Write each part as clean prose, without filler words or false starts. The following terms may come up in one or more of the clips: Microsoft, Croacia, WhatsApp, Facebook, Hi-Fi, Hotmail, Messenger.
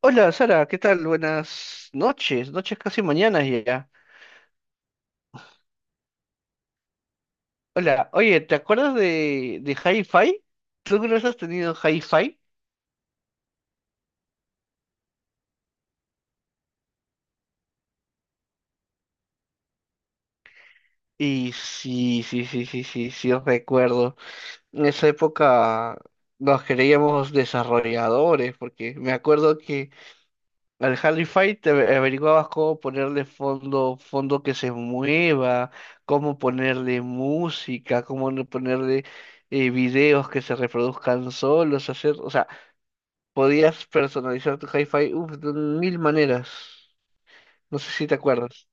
Hola Sara, ¿qué tal? Buenas noches, noches casi mañanas ya. Hola, oye, ¿te acuerdas de Hi-Fi? ¿Tú alguna vez has tenido Hi-Fi? Y sí, sí, sí, sí, sí, sí, os recuerdo. En esa época nos creíamos desarrolladores, porque me acuerdo que al Hi-Fi te averiguabas cómo ponerle fondo, fondo que se mueva, cómo ponerle música, cómo no ponerle videos que se reproduzcan solos, hacer, o sea, podías personalizar tu hi-fi uf, de mil maneras. No sé si te acuerdas.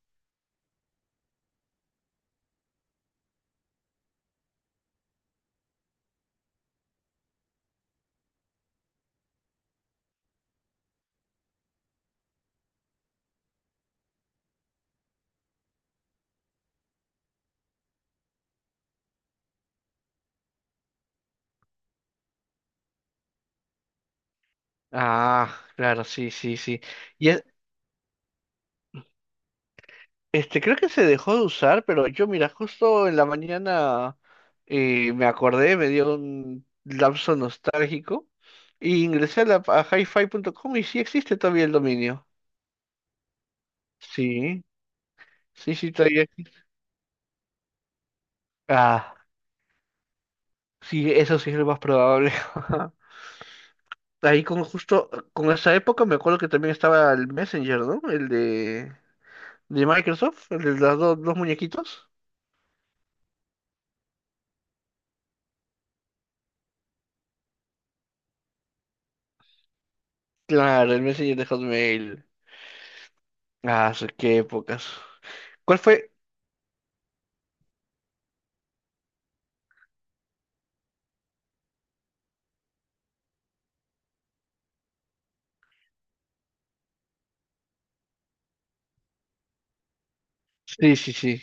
Ah, claro, sí, sí, sí. Y este, creo que se dejó de usar, pero yo, mira, justo en la mañana me acordé, me dio un lapso nostálgico y ingresé a hi-fi.com y sí existe todavía el dominio. Sí, sí, sí, todavía. Ah, sí, eso sí es lo más probable. Ahí con esa época me acuerdo que también estaba el Messenger, ¿no? El de... ¿De Microsoft? ¿El de los dos muñequitos? Claro, el Messenger de Hotmail. Ah, sí, qué épocas. ¿Cuál fue? Sí, sí, sí.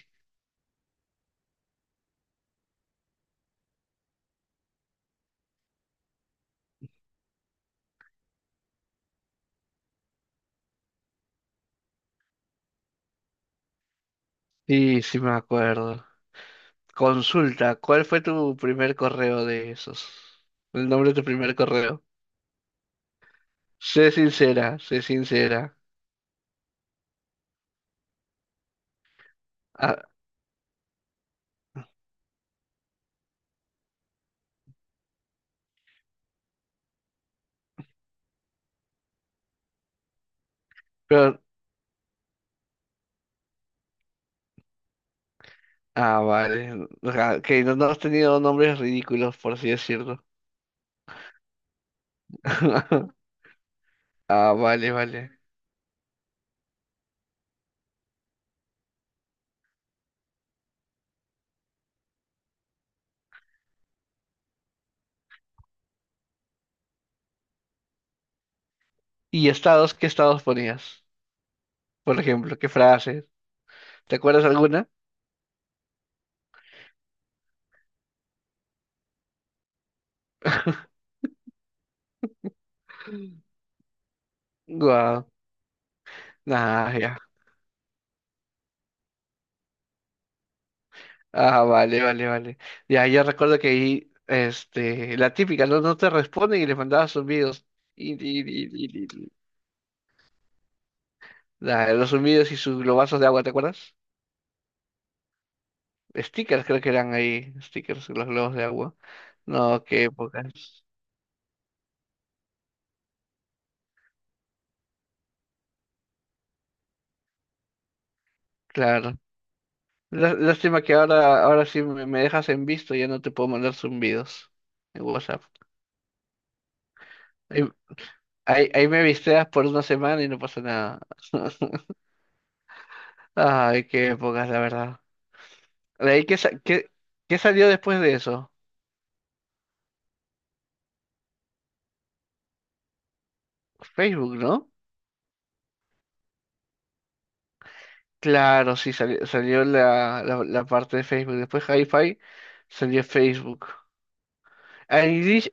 Sí, sí me acuerdo. Consulta, ¿cuál fue tu primer correo de esos? El nombre de tu primer correo. Sé sincera, sé sincera. Ah, pero... Ah, vale. O sea, que no has tenido nombres ridículos, por así decirlo. Ah, vale, vale. ¿Y estados? ¿Qué estados ponías? Por ejemplo, ¿qué frases? ¿Te acuerdas alguna? Guau. Ah, ya. Ah, vale, vale, vale. Ya, yo recuerdo que ahí, este, la típica, no te responden y les mandabas zumbidos. Y, y- y- y- y- los zumbidos y sus globazos de agua, ¿te acuerdas? Stickers creo que eran ahí, stickers, los globos de agua. No, qué épocas. Claro. Lástima que ahora sí me dejas en visto, ya no te puedo mandar zumbidos en WhatsApp. Ahí, ahí me visteas por una semana y no pasa nada. Ay, qué épocas, la verdad. De ahí, qué salió después de eso? Facebook, ¿no? Claro, sí, salió, la parte de Facebook. Después Hi-Fi salió Facebook. Irish,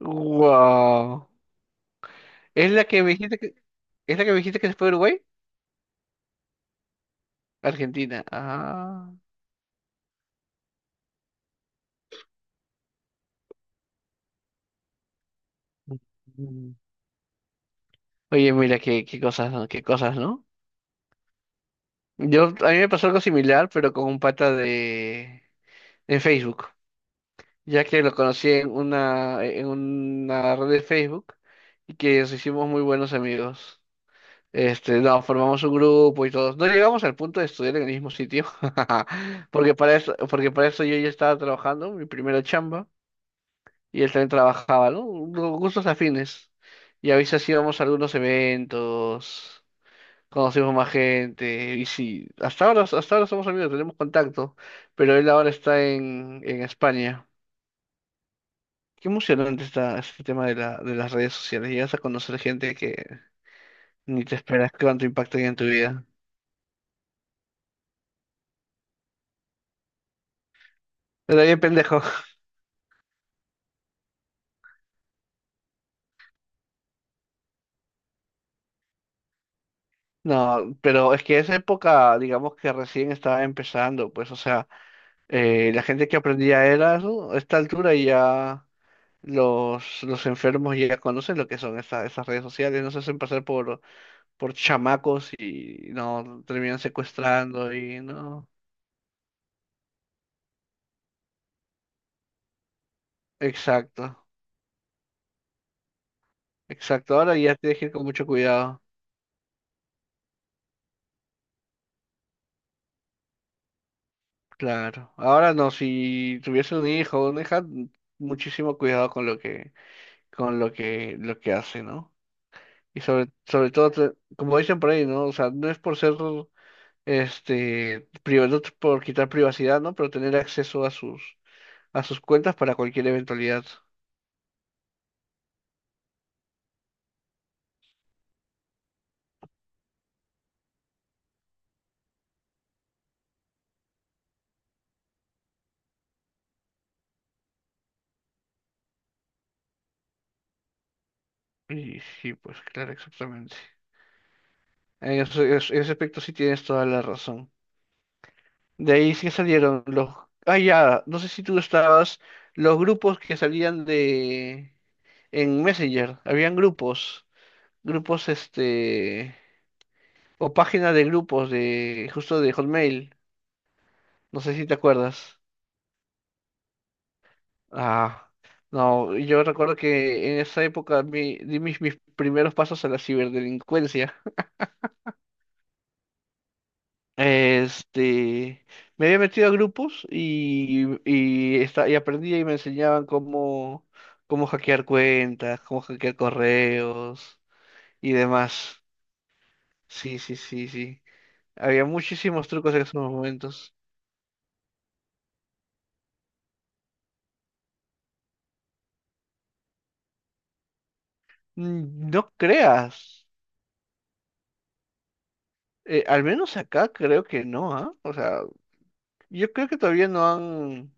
wow. ¿Es la que me dijiste que, es la que me dijiste que se fue a Uruguay? Argentina. Ah. Mm. Oye, mira, qué cosas, ¿no? Qué cosas, ¿no? Yo, a mí me pasó algo similar, pero con un pata en Facebook. Ya que lo conocí en una red de Facebook y que nos hicimos muy buenos amigos. Este, no, formamos un grupo y todos. No llegamos al punto de estudiar en el mismo sitio, porque para eso yo ya estaba trabajando, mi primera chamba, y él también trabajaba, ¿no? Gustos afines. Y a veces íbamos a algunos eventos, conocimos más gente, y sí, hasta ahora somos amigos, tenemos contacto, pero él ahora está en España. Qué emocionante está este tema de las redes sociales. Llegas a conocer gente que ni te esperas cuánto impacto hay en tu vida. Pero bien pendejo. No, pero es que esa época, digamos que recién estaba empezando, pues, o sea, la gente que aprendía era eso, a esta altura y ya los enfermos ya conocen lo que son esas redes sociales, no se hacen pasar por chamacos y no terminan secuestrando y no. Exacto, exacto. Ahora ya tienes que ir con mucho cuidado. Claro. Ahora no, si tuviese un hijo o una hija, muchísimo cuidado con lo que, lo que hace, ¿no? Y sobre todo, como dicen por ahí, ¿no? O sea, no es por ser, este, privado, no es por quitar privacidad, ¿no? Pero tener acceso a sus cuentas para cualquier eventualidad. Y sí, pues claro, exactamente. En ese aspecto sí tienes toda la razón. De ahí sí salieron los... Ah, ya, no sé si tú estabas, los grupos que salían de... en Messenger, habían grupos, grupos este, o página de grupos justo de Hotmail, no sé si te acuerdas. Ah, no, yo recuerdo que en esa época di mis primeros pasos a la ciberdelincuencia. Este, me había metido a grupos y aprendí y me enseñaban cómo hackear cuentas, cómo hackear correos y demás. Sí, sí, sí, sí. Había muchísimos trucos en esos momentos. Mm, no creas. Al menos acá creo que no, ¿ah? O sea, yo creo que todavía no han...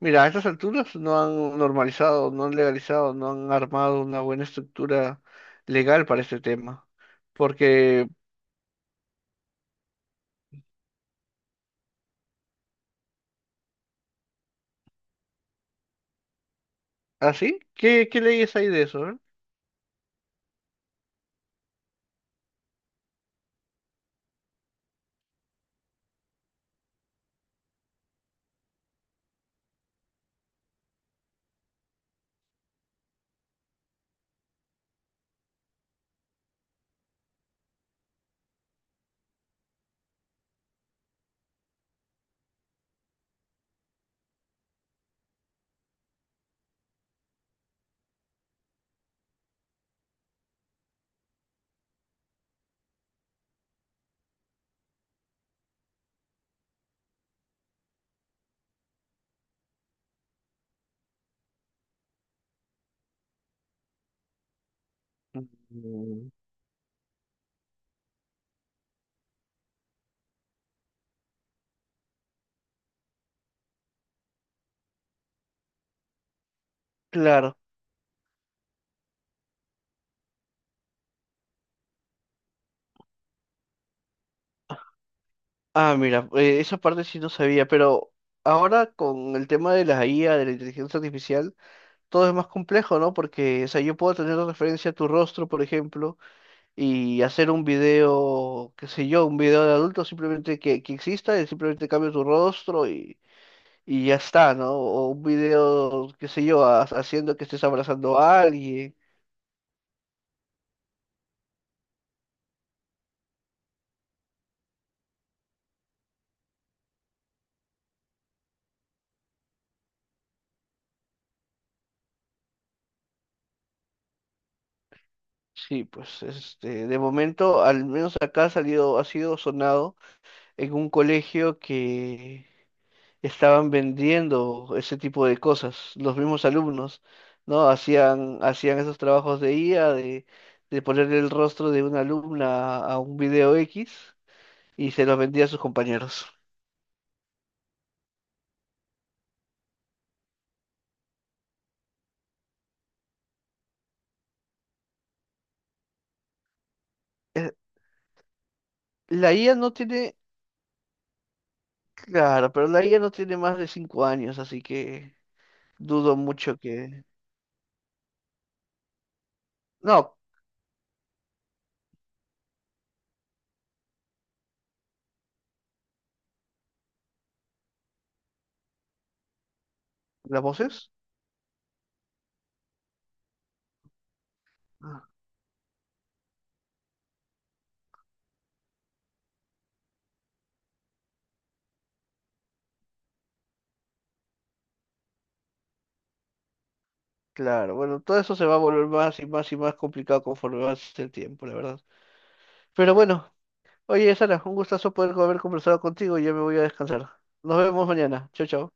Mira, a estas alturas no han normalizado, no han legalizado, no han armado una buena estructura legal para este tema. Porque, ¿así? ¿Qué leyes hay de eso? ¿eh? Mm, claro. Ah, mira, esa parte sí no sabía, pero ahora con el tema de la IA, de la inteligencia artificial, todo es más complejo, ¿no? Porque, o sea, yo puedo tener de referencia tu rostro, por ejemplo, y hacer un video, qué sé yo, un video de adulto simplemente que exista, y simplemente cambio tu rostro y ya está, ¿no? O un video, qué sé yo, haciendo que estés abrazando a alguien. Sí, pues este, de momento, al menos acá ha salido, ha sido sonado en un colegio que estaban vendiendo ese tipo de cosas. Los mismos alumnos, ¿no? Hacían esos trabajos de IA, de ponerle el rostro de una alumna a un video X y se los vendía a sus compañeros. Eh, La IA no tiene, claro, pero la IA no tiene más de 5 años, así que dudo mucho que... No, ¿las voces? Ah, claro, bueno, todo eso se va a volver más y más y más complicado conforme avance el tiempo, la verdad. Pero bueno, oye, Sara, un gustazo poder haber conversado contigo. Ya me voy a descansar. Nos vemos mañana. Chau, chau.